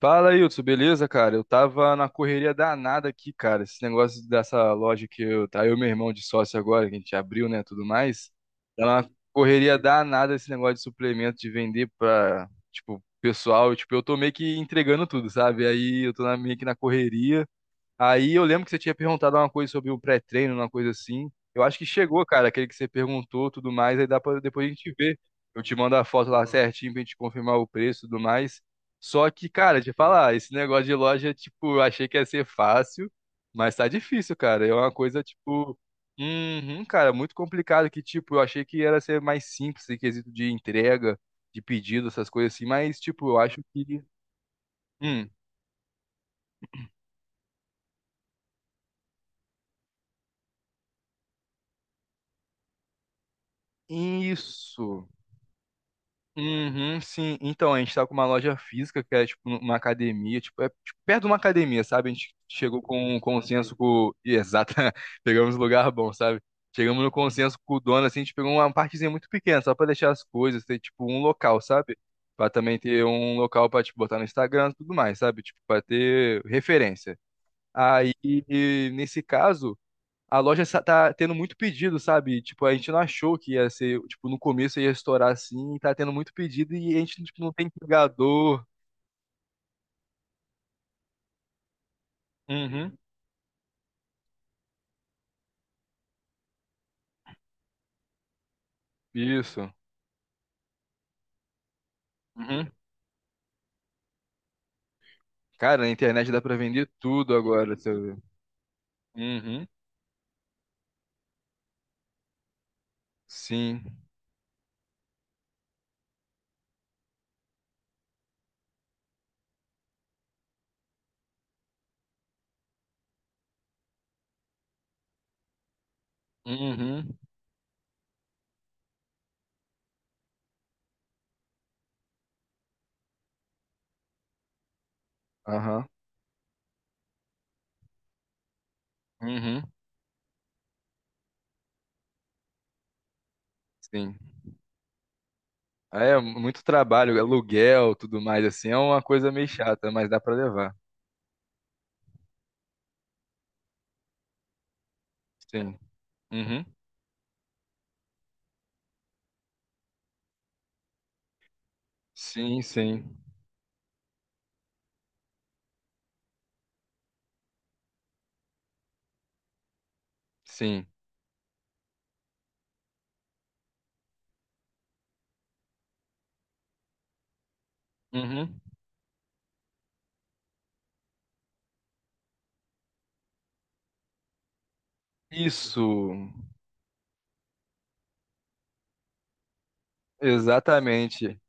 Fala, Hilton, beleza, cara? Eu tava na correria danada aqui, cara. Esse negócio dessa loja que eu e meu irmão de sócio agora, que a gente abriu, né, tudo mais. Tá uma correria danada esse negócio de suplemento, de vender pra, tipo, pessoal. Tipo, eu tô meio que entregando tudo, sabe? Aí eu tô meio que na correria. Aí eu lembro que você tinha perguntado uma coisa sobre o pré-treino, uma coisa assim. Eu acho que chegou, cara, aquele que você perguntou, tudo mais, aí dá pra depois a gente ver. Eu te mando a foto lá certinho pra gente confirmar o preço e tudo mais. Só que, cara, te falar, esse negócio de loja, tipo, eu achei que ia ser fácil, mas tá difícil, cara. É uma coisa, tipo, uhum, cara, muito complicado que, tipo, eu achei que era ser mais simples em quesito de entrega, de pedido, essas coisas assim, mas, tipo, eu acho que. Hum, isso. Uhum, sim. Então, a gente tá com uma loja física, que é tipo uma academia, tipo, é tipo, perto de uma academia, sabe? A gente chegou com um consenso com. Ih, exato, pegamos lugar bom, sabe? Chegamos no consenso com o dono, assim, a gente pegou uma partezinha muito pequena, só pra deixar as coisas, ter tipo um local, sabe? Pra também ter um local pra, tipo, botar no Instagram e tudo mais, sabe? Tipo, pra ter referência. Aí, e nesse caso a loja tá tendo muito pedido, sabe? Tipo, a gente não achou que ia ser, tipo, no começo ia estourar assim, e tá tendo muito pedido e a gente, tipo, não tem entregador. Uhum. Isso. Uhum. Cara, na internet dá pra vender tudo agora, você vê. Uhum. Sim. Uhum. Aham. Uhum. Sim. É, muito trabalho, aluguel, tudo mais, assim, é uma coisa meio chata, mas dá pra levar. Sim. Uhum. Sim, sim. Sim. Uhum. Isso. Exatamente.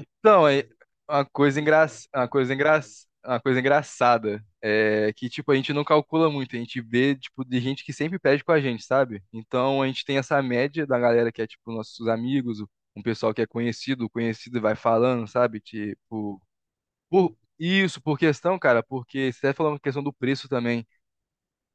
Então, é uma coisa engra... uma coisa engra... uma coisa engraçada é que tipo a gente não calcula muito, a gente vê tipo de gente que sempre pede com a gente, sabe? Então a gente tem essa média da galera que é tipo nossos amigos, um pessoal que é conhecido, o conhecido vai falando, sabe? Tipo, por isso, por questão, cara, porque você tá falando questão do preço também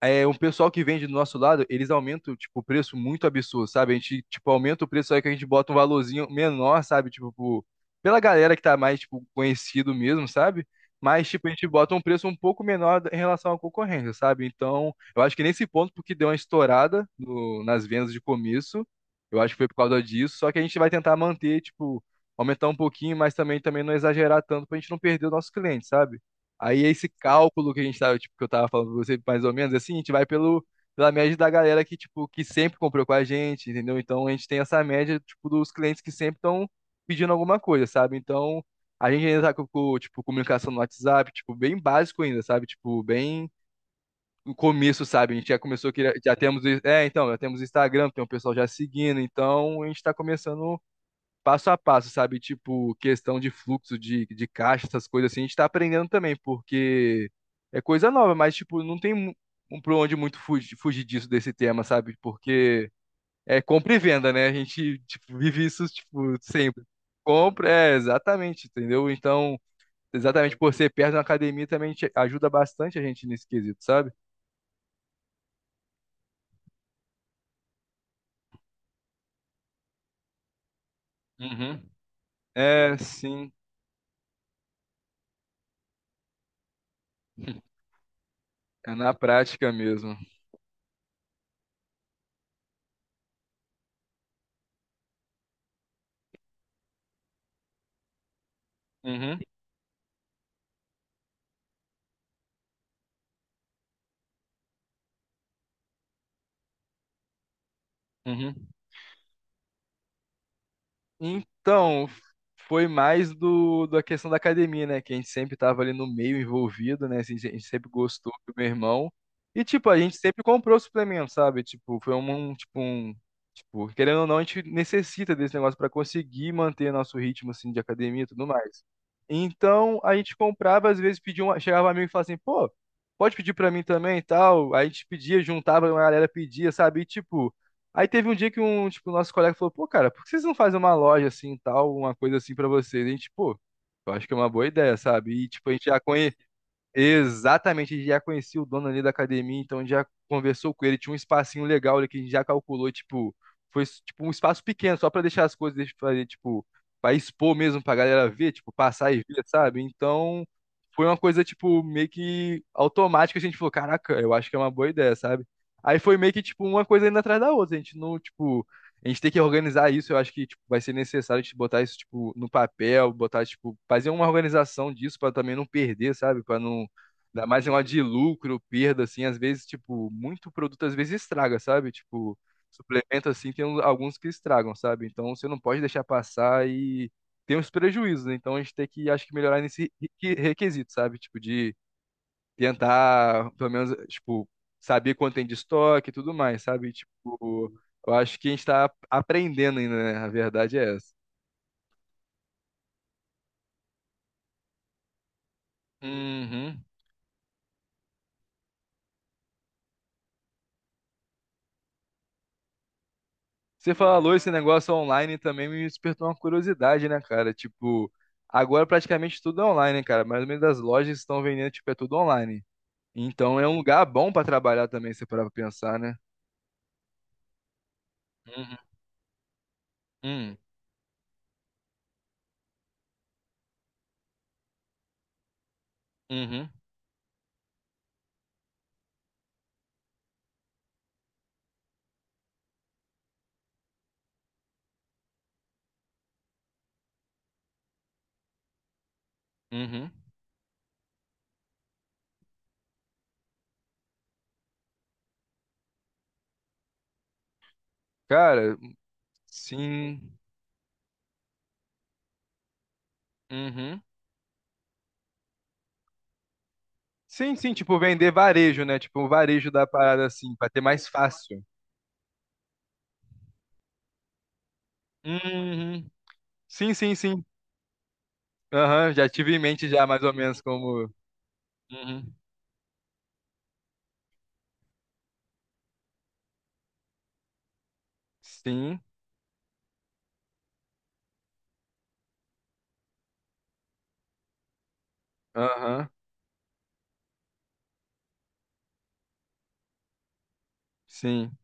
é, um pessoal que vende do nosso lado, eles aumentam, tipo, o preço muito absurdo, sabe? A gente, tipo, aumenta o preço aí que a gente bota um valorzinho menor, sabe? Pela galera que tá mais, tipo, conhecido mesmo, sabe? Mas, tipo, a gente bota um preço um pouco menor em relação à concorrência, sabe? Então, eu acho que nesse ponto, porque deu uma estourada nas vendas de começo, eu acho que foi por causa disso, só que a gente vai tentar manter, tipo, aumentar um pouquinho, mas também não exagerar tanto pra gente não perder o nosso cliente, sabe? Aí esse cálculo que a gente tava, tipo, que eu tava falando pra você, mais ou menos, assim, a gente vai pelo, pela média da galera que, tipo, que sempre comprou com a gente, entendeu? Então a gente tem essa média, tipo, dos clientes que sempre estão pedindo alguma coisa, sabe? Então a gente ainda tá tipo, comunicação no WhatsApp, tipo, bem básico ainda, sabe? Tipo, bem no começo, sabe? A gente já começou que já temos, é, então, já temos Instagram, tem um pessoal já seguindo, então a gente tá começando passo a passo, sabe? Tipo, questão de fluxo de caixa, essas coisas assim, a gente tá aprendendo também, porque é coisa nova, mas, tipo, não tem mu- um pra onde muito fugir, fugir disso, desse tema, sabe? Porque é compra e venda, né? A gente, tipo, vive isso, tipo, sempre. Compra, é, exatamente, entendeu? Então, exatamente por ser perto de uma academia também ajuda bastante a gente nesse quesito, sabe? Uhum. É, sim, é na prática mesmo. Uhum. Uhum. Então, foi mais da questão da academia, né? Que a gente sempre tava ali no meio envolvido, né? Assim, a gente sempre gostou do meu irmão. E, tipo, a gente sempre comprou suplemento, sabe? Tipo, foi tipo, um... Tipo, querendo ou não, a gente necessita desse negócio para conseguir manter nosso ritmo, assim, de academia e tudo mais. Então, a gente comprava, às vezes pedia um... Chegava um amigo e falava assim, pô, pode pedir para mim também e tal. Aí a gente pedia, juntava, a galera pedia, sabe? E, tipo... Aí teve um dia que um, tipo, nosso colega falou, pô, cara, por que vocês não fazem uma loja assim, tal, uma coisa assim pra vocês? E a gente, pô, eu acho que é uma boa ideia, sabe? E, tipo, a gente já conhe... exatamente, a gente já conhecia o dono ali da academia, então a gente já conversou com ele, tinha um espacinho legal ali que a gente já calculou, tipo, foi tipo um espaço pequeno, só pra deixar as coisas, deixa eu fazer, tipo, pra expor mesmo pra galera ver, tipo, passar e ver, sabe? Então, foi uma coisa, tipo, meio que automática, a gente falou, caraca, eu acho que é uma boa ideia, sabe? Aí foi meio que, tipo, uma coisa indo atrás da outra, a gente não, tipo, a gente tem que organizar isso, eu acho que, tipo, vai ser necessário a gente botar isso, tipo, no papel, botar, tipo, fazer uma organização disso pra também não perder, sabe? Pra não ainda mais em uma de lucro, perda, assim, às vezes, tipo, muito produto às vezes estraga, sabe? Tipo, suplemento, assim, tem alguns que estragam, sabe? Então você não pode deixar passar e tem os prejuízos, né? Então a gente tem que, acho que, melhorar nesse requisito, sabe? Tipo, de tentar, pelo menos, tipo, saber quanto tem de estoque e tudo mais, sabe? Tipo, eu acho que a gente tá aprendendo ainda, né? A verdade é essa. Uhum. Você falou esse negócio online também me despertou uma curiosidade, né, cara? Tipo, agora praticamente tudo é online, cara. Mais ou menos as lojas que estão vendendo, tipo, é tudo online. Então é um lugar bom pra trabalhar também, se parar pra pensar, né? Uhum, uhum, uhum. Cara, sim. Uhum. Sim, sim, tipo, vender varejo, né? Tipo, o varejo da parada assim, pra ter mais fácil. Uhum. Sim, sim, sim. Aham, já tive em mente já mais ou menos como. Uhum. Sim, aham, sim.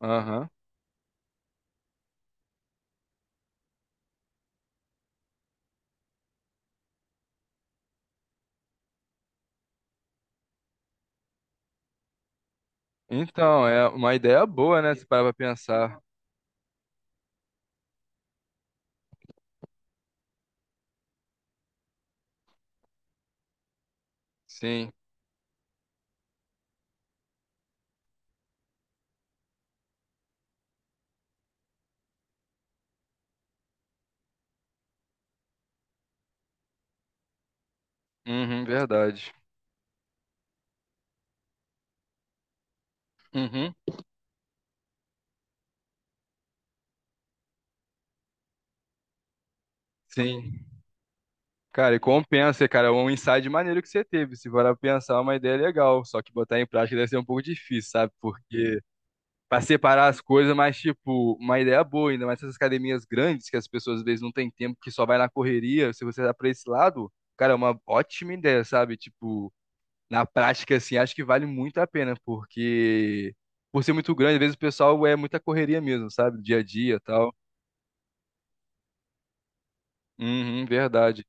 Aham. Então, é uma ideia boa, né? Se parar pra pensar. Sim. Uhum, verdade. Uhum. Sim. Cara, e compensa, cara. É um insight maneiro que você teve. Se parar pra pensar, é uma ideia legal. Só que botar em prática deve ser um pouco difícil, sabe? Porque pra separar as coisas, mas, tipo, uma ideia boa, ainda mais essas academias grandes que as pessoas às vezes não têm tempo, que só vai na correria. Se você tá pra esse lado, cara, é uma ótima ideia, sabe? Tipo. Na prática, assim, acho que vale muito a pena, porque por ser muito grande, às vezes o pessoal é muita correria mesmo, sabe? Dia a dia e tal. Uhum, verdade.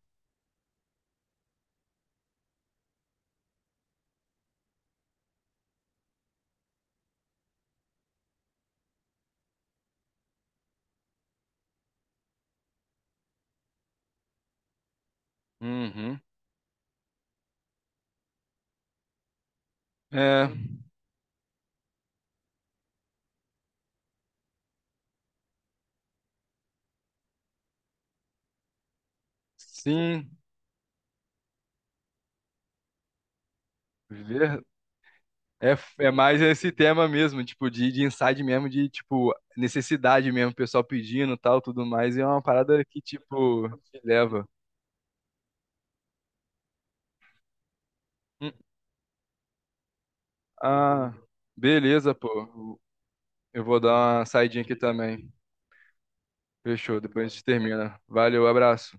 Uhum. É, sim, ver... é, é mais esse tema mesmo, tipo, de insight mesmo, de, tipo, necessidade mesmo, o pessoal pedindo e tal, tudo mais, e é uma parada que, tipo, te leva. Hum, Ah, beleza, pô. Eu vou dar uma saidinha aqui também. Fechou, depois a gente termina. Valeu, abraço.